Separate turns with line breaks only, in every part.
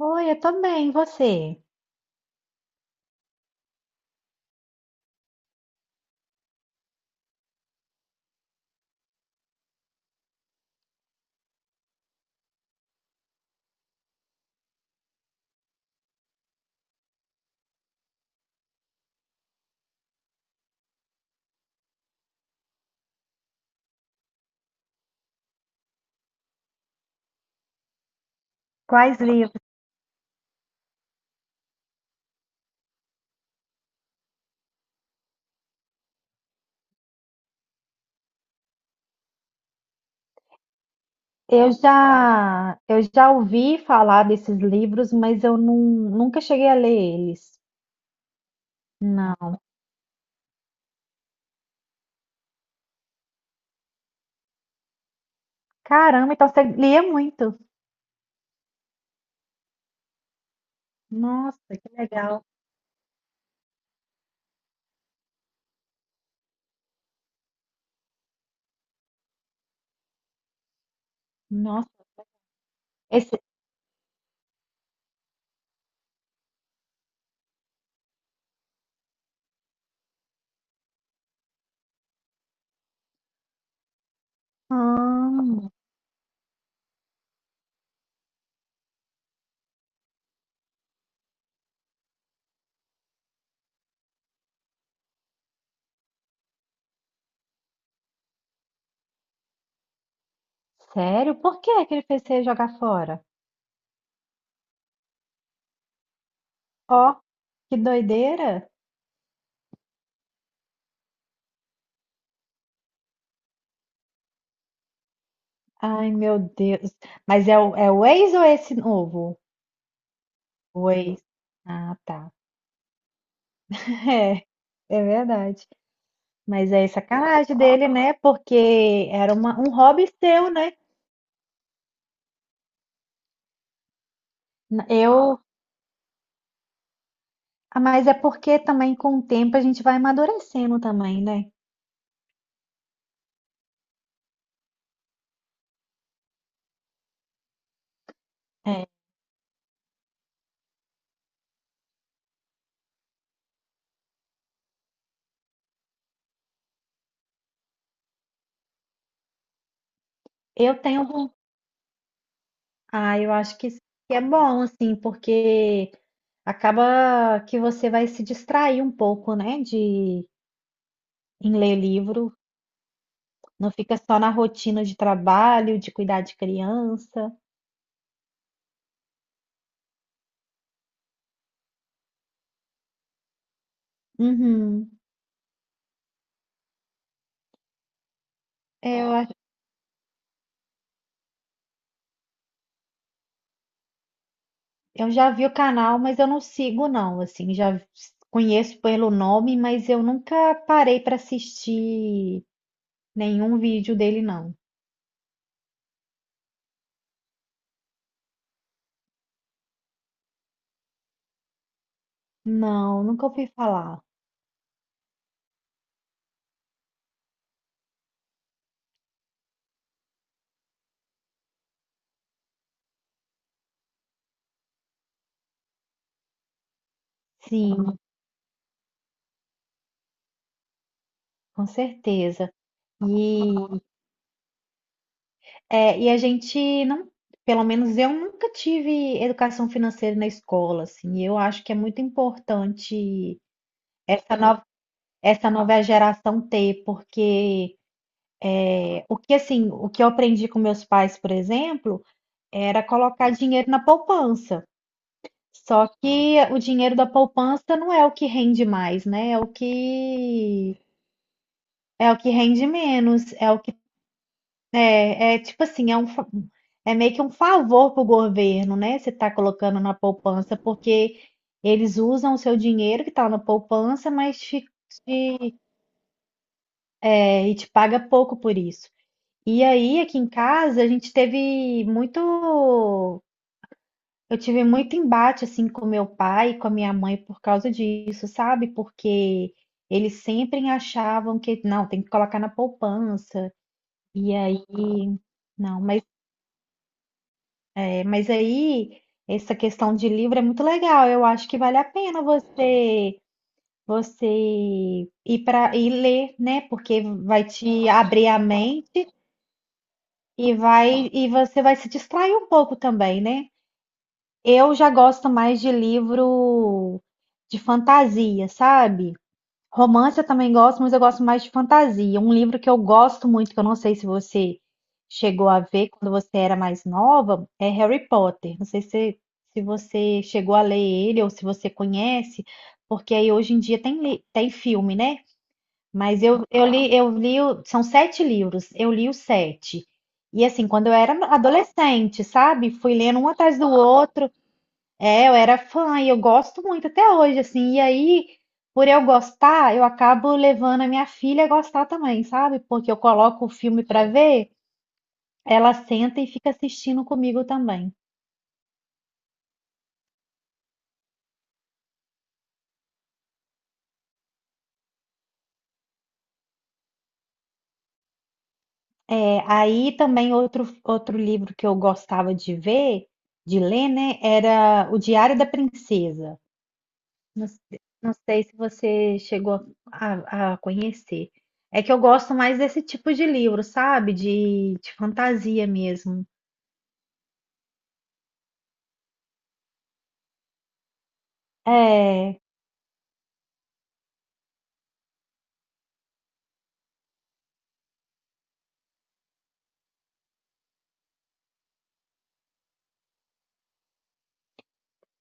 Oi, eu tô bem, e você? Quais livros? Eu já ouvi falar desses livros, mas eu nunca cheguei a ler eles. Não. Caramba, então você lia muito. Nossa, que legal. Nossa, esse... Ah, sério? Por que que ele fez você jogar fora? Ó, que doideira. Ai, meu Deus. Mas é o ex ou esse novo? O ex. Ah, tá. É, é verdade. Mas é sacanagem dele, né? Porque era um hobby seu, né? Eu, ah, mas é porque também com o tempo a gente vai amadurecendo também, né? É. Eu tenho, von- ah, eu acho que isso é bom, assim, porque acaba que você vai se distrair um pouco, né? De em ler livro, não fica só na rotina de trabalho, de cuidar de criança. Uhum. É, eu já vi o canal, mas eu não sigo não, assim, já conheço pelo nome, mas eu nunca parei para assistir nenhum vídeo dele não. Não, nunca ouvi falar. Sim, com certeza. E é, e a gente não, pelo menos eu nunca tive educação financeira na escola, assim. E eu acho que é muito importante essa nova essa nova geração ter, porque é, o que assim, o que eu aprendi com meus pais, por exemplo, Era colocar dinheiro na poupança. Só que o dinheiro da poupança não é o que rende mais, né? É o que rende menos, é o que é, é tipo assim, é é meio que um favor pro governo, né? Você tá colocando na poupança porque eles usam o seu dinheiro que tá na poupança, te- é, e te paga pouco por isso. E aí, aqui em casa, a gente teve muito eu tive muito embate assim com meu pai e com a minha mãe por causa disso, sabe? Porque eles sempre achavam que não, tem que colocar na poupança. E aí, não, mas é, mas aí essa questão de livro é muito legal. Eu acho que vale a pena você ir para ir ler, né? Porque vai te abrir a mente e vai e você vai se distrair um pouco também, né? Eu já gosto mais de livro de fantasia, sabe? Romance eu também gosto, mas eu gosto mais de fantasia. Um livro que eu gosto muito, que eu não sei se você chegou a ver quando você era mais nova, é Harry Potter. Não sei se, se você chegou a ler ele ou se você conhece, porque aí hoje em dia tem, tem filme, né? Mas eu, eu li, o- são sete livros, eu li os sete. E assim, quando eu era adolescente, sabe? Fui lendo um atrás do outro. É, eu era fã e eu gosto muito até hoje, assim. E aí, por eu gostar, eu acabo levando a minha filha a gostar também, sabe? Porque eu coloco o filme pra ver, ela senta e fica assistindo comigo também. É, aí também outro livro que eu gostava de ver, de ler, né, era O Diário da Princesa. Não, não sei se você chegou a conhecer. É que eu gosto mais desse tipo de livro, sabe? De fantasia mesmo. É.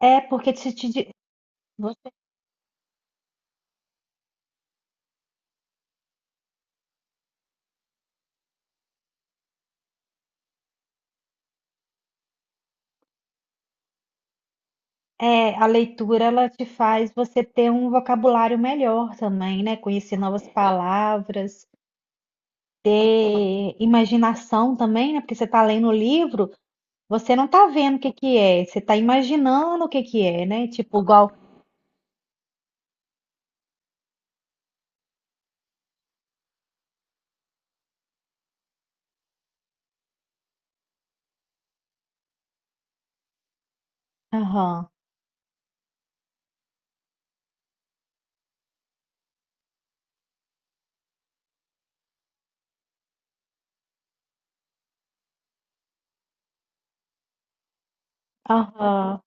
É, porque você- é, a leitura ela te faz você ter um vocabulário melhor também, né? Conhecer novas palavras, ter imaginação também, né? Porque você está lendo o livro, você não está vendo o que que é, você está imaginando o que que é, né? Tipo, igual. Aham, aham.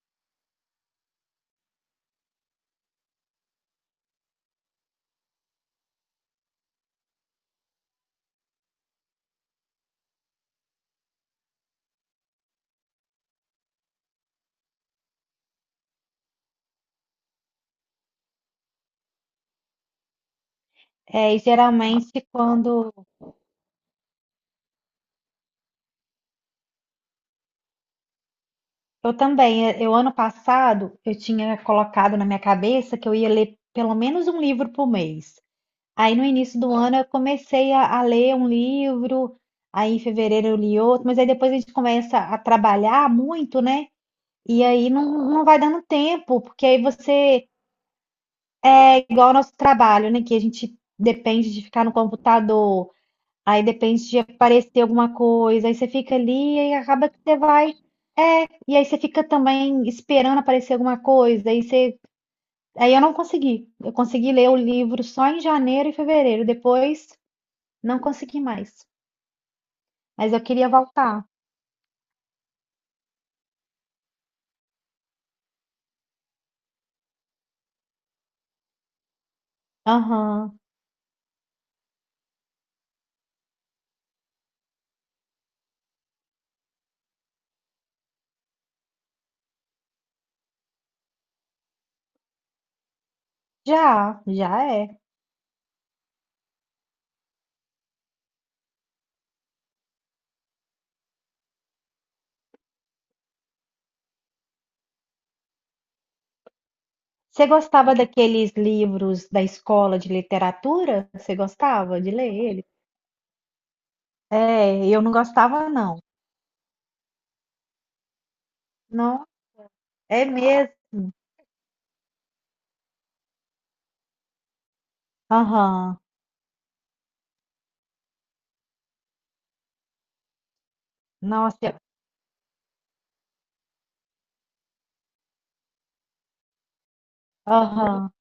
É, e geralmente quando. Eu também, é, eu ano passado, eu tinha colocado na minha cabeça que eu ia ler pelo menos um livro por mês. Aí no início do ano eu comecei a ler um livro, aí em fevereiro eu li outro, mas aí depois a gente começa a trabalhar muito, né? E aí não, não vai dando tempo, porque aí você, igual ao nosso trabalho, né? Que a gente depende de ficar no computador, aí depende de aparecer alguma coisa, aí você fica ali e acaba que você vai. É, e aí você fica também esperando aparecer alguma coisa, aí você. Aí eu não consegui. Eu consegui ler o livro só em janeiro e fevereiro, depois não consegui mais. Mas eu queria voltar. Aham. Já, já é. Você gostava daqueles livros da escola de literatura? Você gostava de ler ele? É, eu não gostava, não. Não, é mesmo. Aham. Nossa, eu- aham.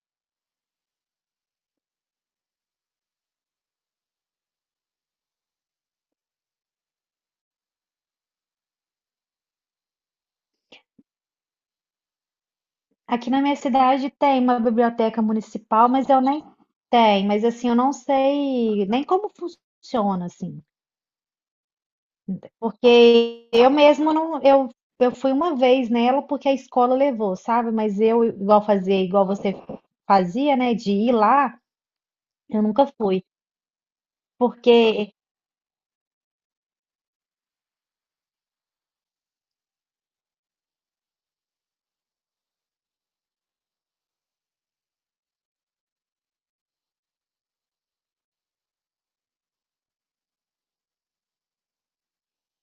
Aqui na minha cidade tem uma biblioteca municipal, mas eu nem tem, mas assim, eu não sei nem como funciona assim. Porque eu mesma não, eu fui uma vez nela porque a escola levou, sabe? Mas eu, igual fazer, igual você fazia, né? De ir lá, eu nunca fui. Porque,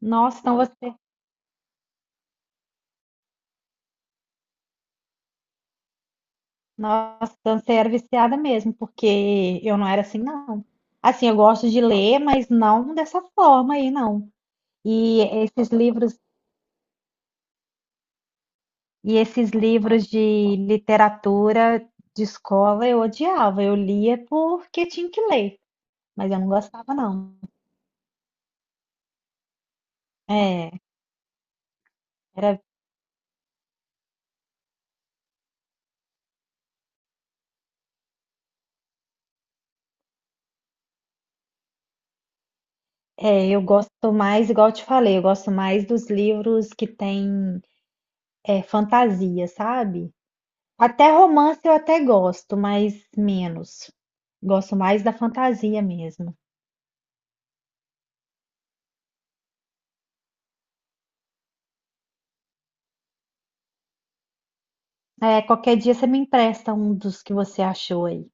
nossa, então você, nossa, então você era viciada mesmo, porque eu não era assim, não. Assim, eu gosto de ler, mas não dessa forma aí, não. E esses livros, e esses livros de literatura de escola eu odiava. Eu lia porque tinha que ler, mas eu não gostava, não. É, era, é, eu gosto mais, igual eu te falei, eu gosto mais dos livros que tem é, fantasia, sabe? Até romance eu até gosto, mas menos. Gosto mais da fantasia mesmo. É, qualquer dia você me empresta um dos que você achou aí.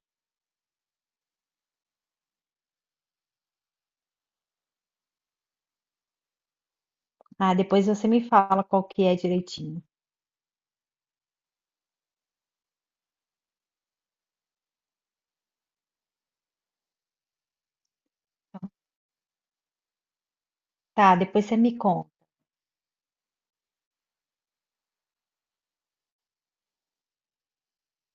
Ah, depois você me fala qual que é direitinho. Tá, depois você me conta.